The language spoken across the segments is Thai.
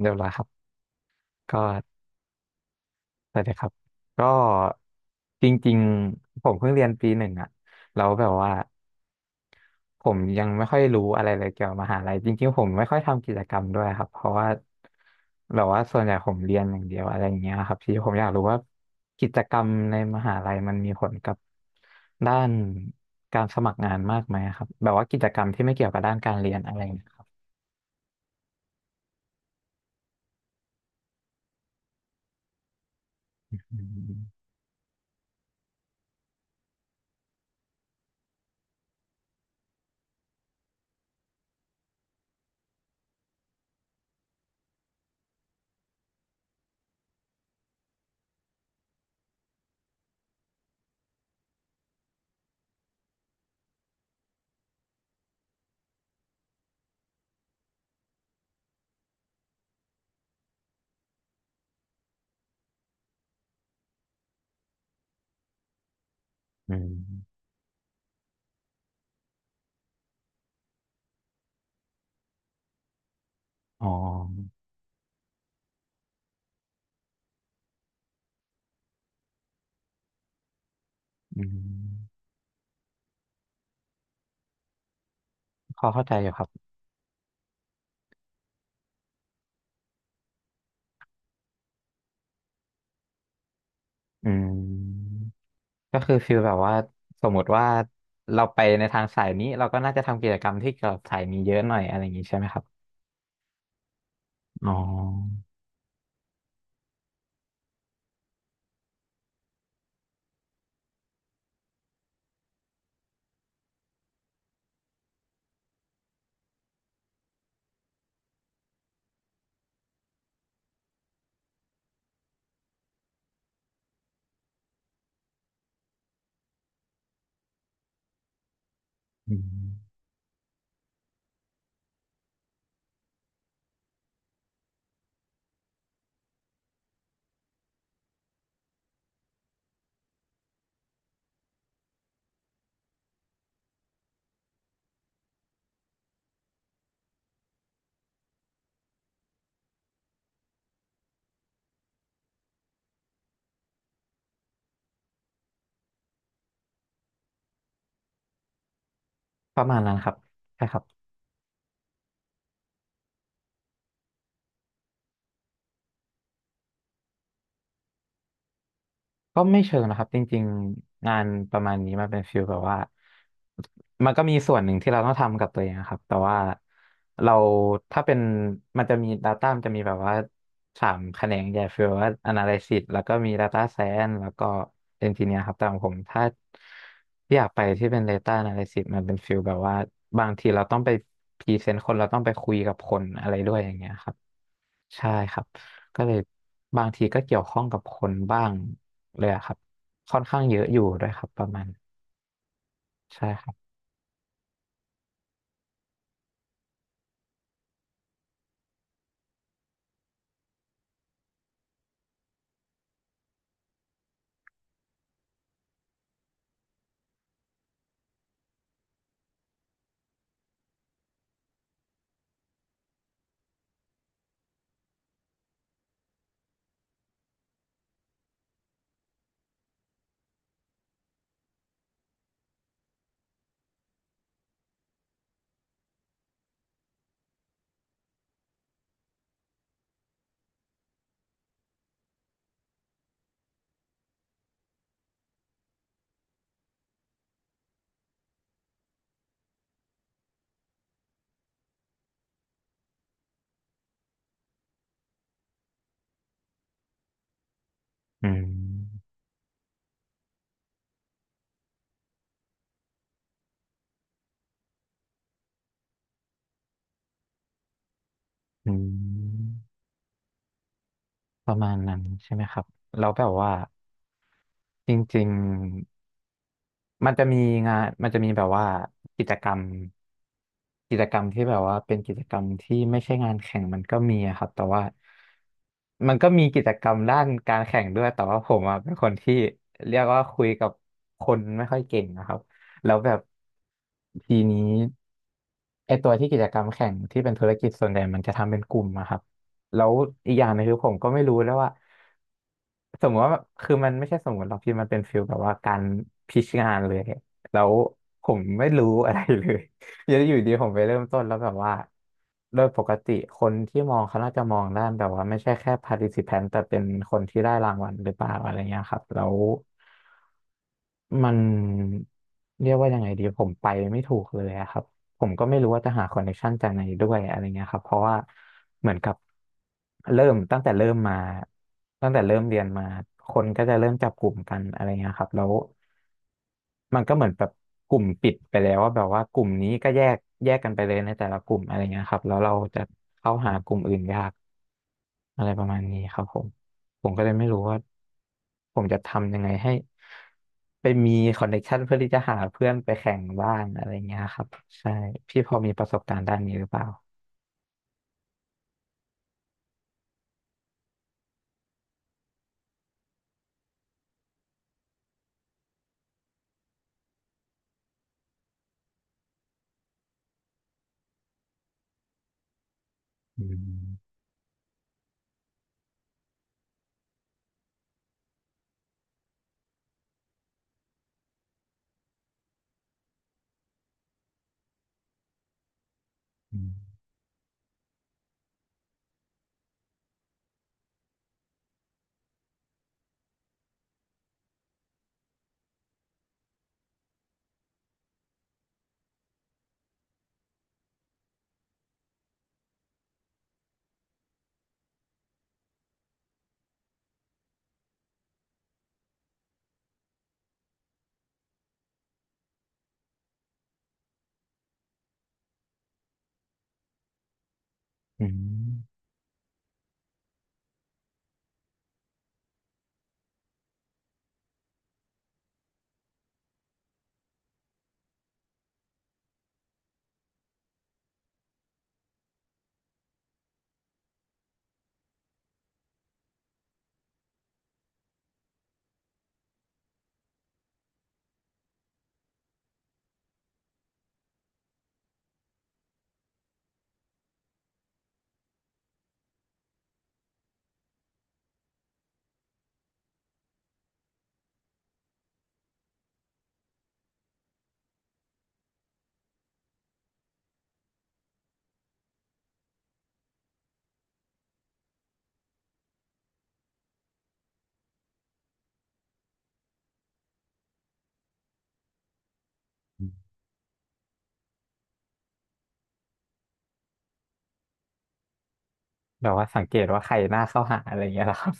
เรียบร้อยครับก็ได้เลยครับก็จริงๆผมเพิ่งเรียนปีหนึ่งอะแล้วแบบว่าผมยังไม่ค่อยรู้อะไรเลยเกี่ยวกับมหาลัยจริงๆผมไม่ค่อยทำกิจกรรมด้วยครับเพราะว่าแบบว่าส่วนใหญ่ผมเรียนอย่างเดียวอะไรอย่างเงี้ยครับที่ผมอยากรู้ว่ากิจกรรมในมหาลัยมันมีผลกับด้านการสมัครงานมากไหมครับแบบว่ากิจกรรมที่ไม่เกี่ยวกับด้านการเรียนอะไรนะครับอืมอืมอ๋ออืมพอเข้าใจอยู่ครับ อืมก็คือฟีลแบบว่าสมมติว่าเราไปในทางสายนี้เราก็น่าจะทำกิจกรรมที่เกี่ยวกับสายนี้เยอะหน่อยอะไรอย่างนี้ใช่ไหมครับอ๋ออืมประมาณนั้นครับใช่ครับ ก็ไม่เชิงนะครับจริงๆงานประมาณนี้มันเป็นฟีลแบบว่ามันก็มีส่วนหนึ่งที่เราต้องทำกับตัวเองนะครับแต่ว่าเราถ้าเป็นมันจะมี Data มันจะมีแบบว่าสามแขนงใหญ่ฟีลว่า Analysis แล้วก็มี Data Science แล้วก็ Engineer ครับแต่ของผมถ้าอยากไปที่เป็น Data Analysis มันเป็นฟีลแบบว่าบางทีเราต้องไปพรีเซนต์คนเราต้องไปคุยกับคนอะไรด้วยอย่างเงี้ยครับ ใช่ครับก็เลยบางทีก็เกี่ยวข้องกับคนบ้างเลยอะครับค่อนข้างเยอะอยู่ด้วยครับประมาณใช่ครับอืมอืมประมาณนั้นใช่ไหมครับแล้วแบบว่าจริงๆ มันจะมีงานมันจะมีแบบว่ากิจกรรมกิจกรรมที่แบบว่าเป็นกิจกรรมที่ไม่ใช่งานแข่งมันก็มีอะครับแต่ว่ามันก็มีกิจกรรมด้านการแข่งด้วยแต่ว่าผมอะเป็นคนที่เรียกว่าคุยกับคนไม่ค่อยเก่งนะครับแล้วแบบทีนี้ไอตัวที่กิจกรรมแข่งที่เป็นธุรกิจส่วนใหญ่มันจะทำเป็นกลุ่มอะครับ แล้วอีกอย่างหนึงคือผมก็ไม่รู้แล้วว่าสมมติว่าคือมันไม่ใช่สมมติหรอกพี่มันเป็นฟิลแบบว่าการพิชงานเลย แล้วผมไม่รู้อะไรเลยอยู่อยู่ดีผมไปเริ่มต้นแล้วแบบว่าโดยปกติคนที่มองเขาน่าจะมองด้านแบบว่าไม่ใช่แค่ participant แต่เป็นคนที่ได้รางวัลหรือเปล่าอะไรเงี้ยครับแล้ว มันเรียกว่ายังไงดีผมไปไม่ถูกเลยอะครับผมก็ไม่รู้ว่าจะหาคอนเนคชันจากไหนด้วยอะไรเงี้ยครับเพราะว่าเหมือนกับเริ่มตั้งแต่เริ่มเรียนมาคนก็จะเริ่มจับกลุ่มกันอะไรเงี้ยครับแล้ว มันก็เหมือนแบบกลุ่มปิดไปแล้วว่าแบบว่ากลุ่มนี้ก็แยกกันไปเลยในแต่ละกลุ่มอะไรเงี้ยครับแล้วเราจะเข้าหากลุ่มอื่นยากอะไรประมาณนี้ครับผมผมก็เลยไม่รู้ว่าผมจะทำยังไงให้ไปมีคอนเนคชันเพื่อที่จะหาเพื่อนไปแข่งบ้างอะไรเงี้ยครับใช่พี่พอมีประสบการณ์ด้านนี้หรือเปล่าอืมอืมอืมอืมแบบว่าสังเกตว่าใครน่าเข้าหาอะไรเงี้ยเหรอครับ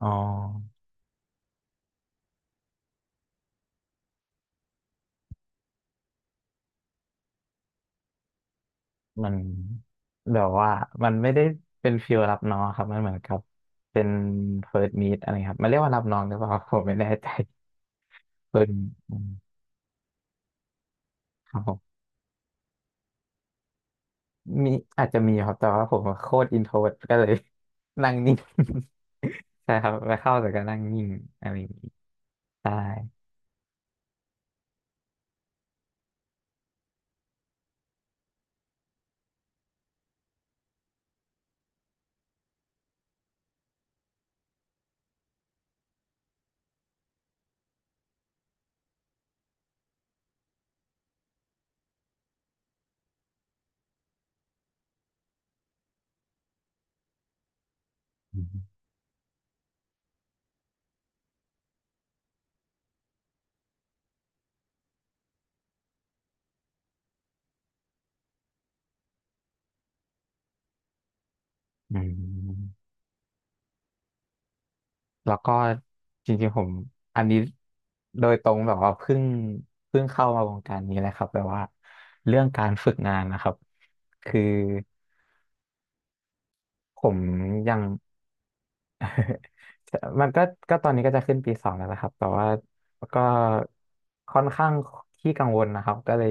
อ๋อ มันแบบว่ามันไม่ได้เป็นฟิลรับน้องครับมันเหมือนกับเป็นเฟิร์สมีดอะไรครับมันเรียกว่ารับน้องหรือเปล่า ผมไม่แน่ใจเฟิร์สครับผมมีอาจจะมีครับแต่ว่าผมโคตรอินโทรดก็เลย นั่งนิ่ง ใช่ครับไปเข้าแต่ก็นั่งนิ่งอะไรอย่างนี้ใช่อืมอืม แล้วก็จริงๆผมอันนี้โดยตรงแบบว่าเพิ่งเข้ามาวงการนี้เลยครับแบบว่าเรื่องการฝึกงานนะครับคือผมยังมันก็ตอนนี้ก็จะขึ้นปีสองแล้วนะครับแต่ว่าก็ค่อนข้างขี้กังวลนะครับก็เลย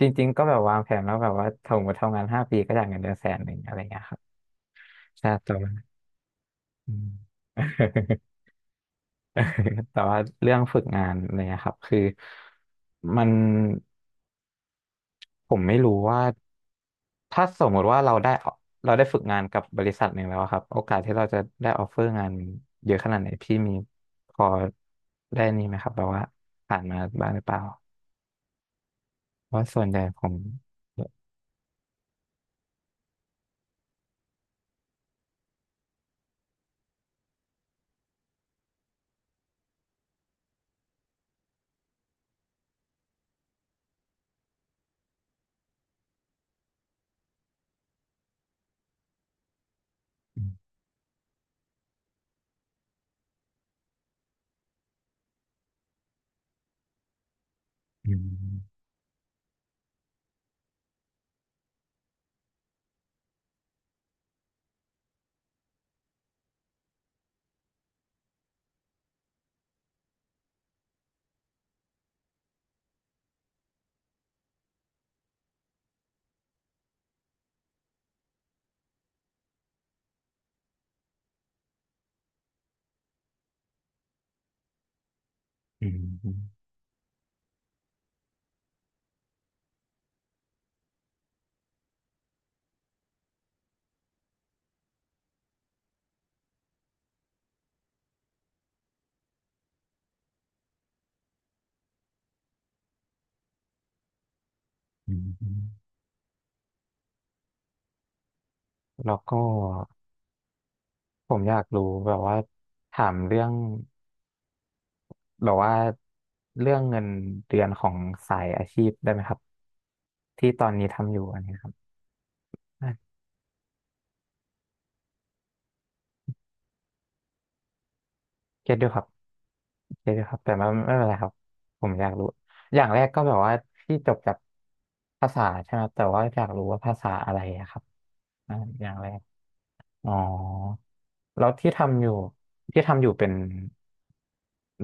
จริงๆก็แบบวางแผนแล้วแบบว่าถ้าผมทำงาน5 ปีก็อยากเงินเดือน100,000อะไรเงี้ยครับใช่แต่ว่าอืม แต่ว่าเรื่องฝึกงานอะไรเนี่ยครับคือมัน ผมไม่รู้ว่าถ้าสมมติว่าเราได้เราได้ฝึกงานกับบริษัทหนึ่งแล้วอะครับโอกาสที่เราจะได้ออฟเฟอร์งานเยอะขนาดไหนพี่มีพอได้นี่ไหมครับแบบว่าผ่านมาบ้างหรือเปล่าเพราะส่วนใหญ่ผมอืมอืมอืมอืมอืมแล้วก็ผมอยากรู้แบบว่าถามเรื่องแบบว่าเรื่องเงินเดือนของสายอาชีพได้ไหมครับที่ตอนนี้ทำอยู่อันนี้ครับอ่ะเก็ตด้วยครับ เยอะอยู่ครับแต่ว่าไม่เป็นไรครับผมอยากรู้อย่างแรกก็แบบว่าที่จบจากภาษาใช่ไหมครับแต่ว่าอยากรู้ว่าภาษาอะไรอะครับอ่าอย่างแรกอ๋อแล้วที่ทำอยู่ที่ทำอยู่เป็น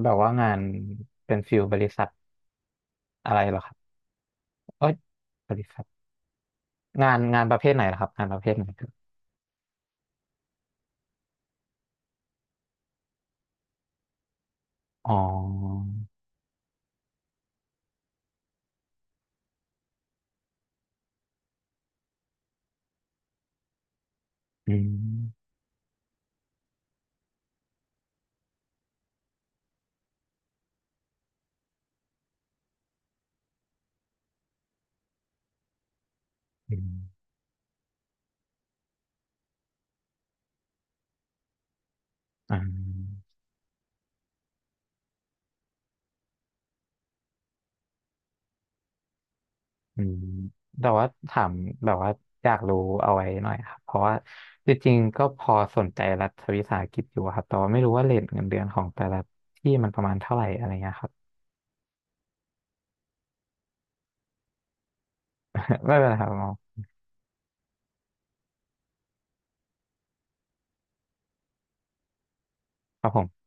แบบว่างานเป็นฟิลบริษัทอะไรเหรอครับเอ้ยบริษัทงานประเภทไหนเหรอครับงานประเภทไหนครับอ๋ออืมอืมอ่า อืมแต่ว่าถามแบบว่าอยากรู้เอาไว้หน่อยครับเพราะว่าจริงๆก็พอสนใจรัฐวิสาหกิจอยู่ครับแต่ว่าไม่รู้ว่าเรทเงินเดือนของแต่ละที่มันประมาณเท่าไหร่อะไรเงี้ยครับ ไม่เป็นไรครับหมอครับผม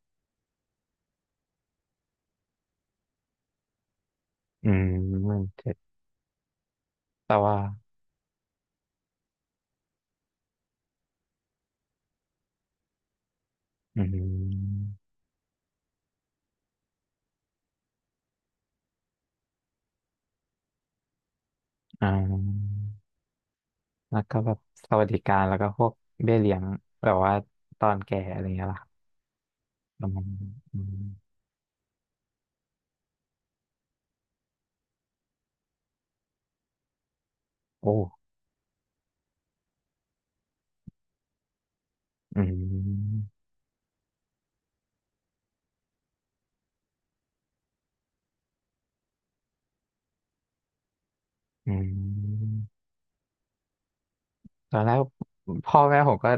อืม17,000แต่ว่าอืมอ่าแล้วก็แบบสวัสดิการแล้วก็พวกเบี้ยเลี้ยงแบบว่าตอนแก่อะไรเงี้ยล่ะครับประมาณนั้นอืมโอ้อืมอืม ตอนแรกพ่อแม่ผมก็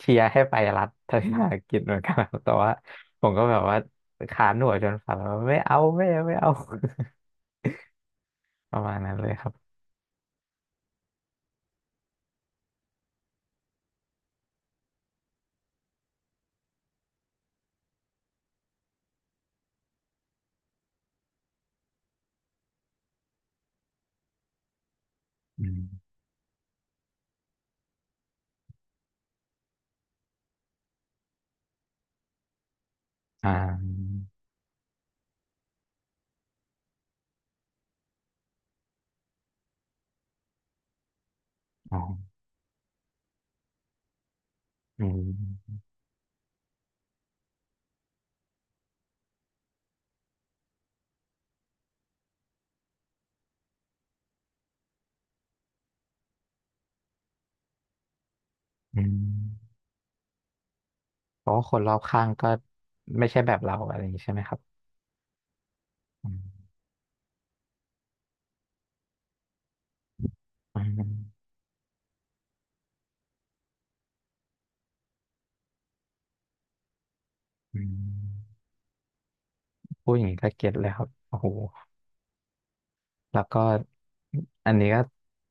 เชียร์ให้ไปรัฐทัศนศึกิจเหมือนกัน ครับแต่ว่าผมก็แบบว่าขาหนวดจนฝันว่าไม่เอาไม่เอาไม่เอา ประมาณนั้นเลยครับอืมอ่าอ๋ออืมอืมเพราะว่าคนรอบข้างก็ไม่ใช่แบบเราอะไรอย่างนี้ใช่ไหมครับอืมอืมอืมพูดอย่างนี้ก็เก็ตเลยครับโอ้โห แล้วก็อันนี้ก็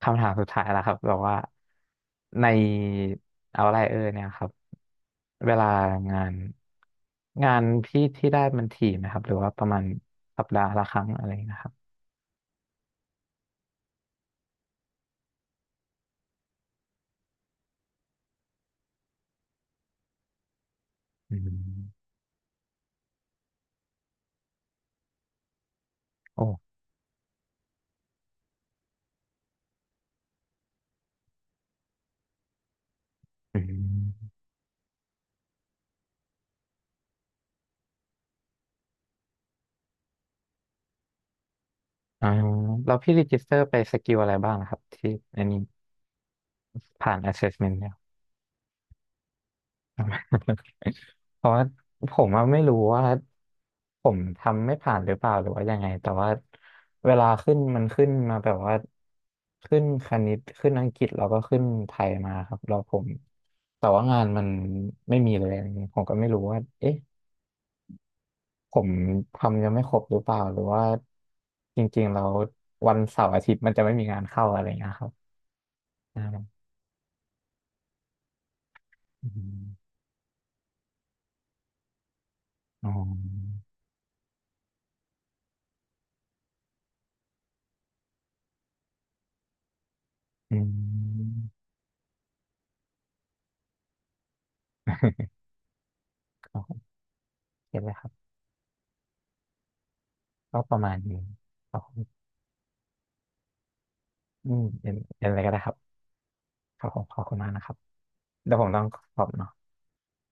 คำถามสุดท้ายแล้วครับแบบว่าในเอาไรอเนี่ยครับเวลางานงานพี่ที่ได้มันถี่ไหมครับหรือว่าประมาณสัปดาห์ละครั้งอะไรนะครับอืมโอ้อืมอ่าแล้วพี่รีจิสเตอร์ไปสกิลอะไรบ้างนะครับที่อันนี้ผ่าน assessment เพราะว่าผมอะไม่รู้ว่าผมทำไม่ผ่านหรือเปล่าหรือว่ายังไงแต่ว่าเวลาขึ้นมันขึ้นมาแบบว่าขึ้นคณิตขึ้นอังกฤษแล้วก็ขึ้นไทยมาครับแล้วผมแต่ว่างานมันไม่มีเลยอะไรเงี้ยผมก็ไม่รู้ว่าเอ๊ะผมทำยังไม่ครบหรือเปล่าหรือว่าจริงๆแล้ววันเสาร์อาทิตย์มันจะไม่มีงานเข้าอะไรเงี้ยครับอ่าอืมอ๋ออืม โอเคเลยครับ ก็ประมาณนี้ครับผมอืมเป็นอะไรก็ได้ครับครับผมขอบคุณมากนะครับเดี๋ยวผมต้องขอบเนาะ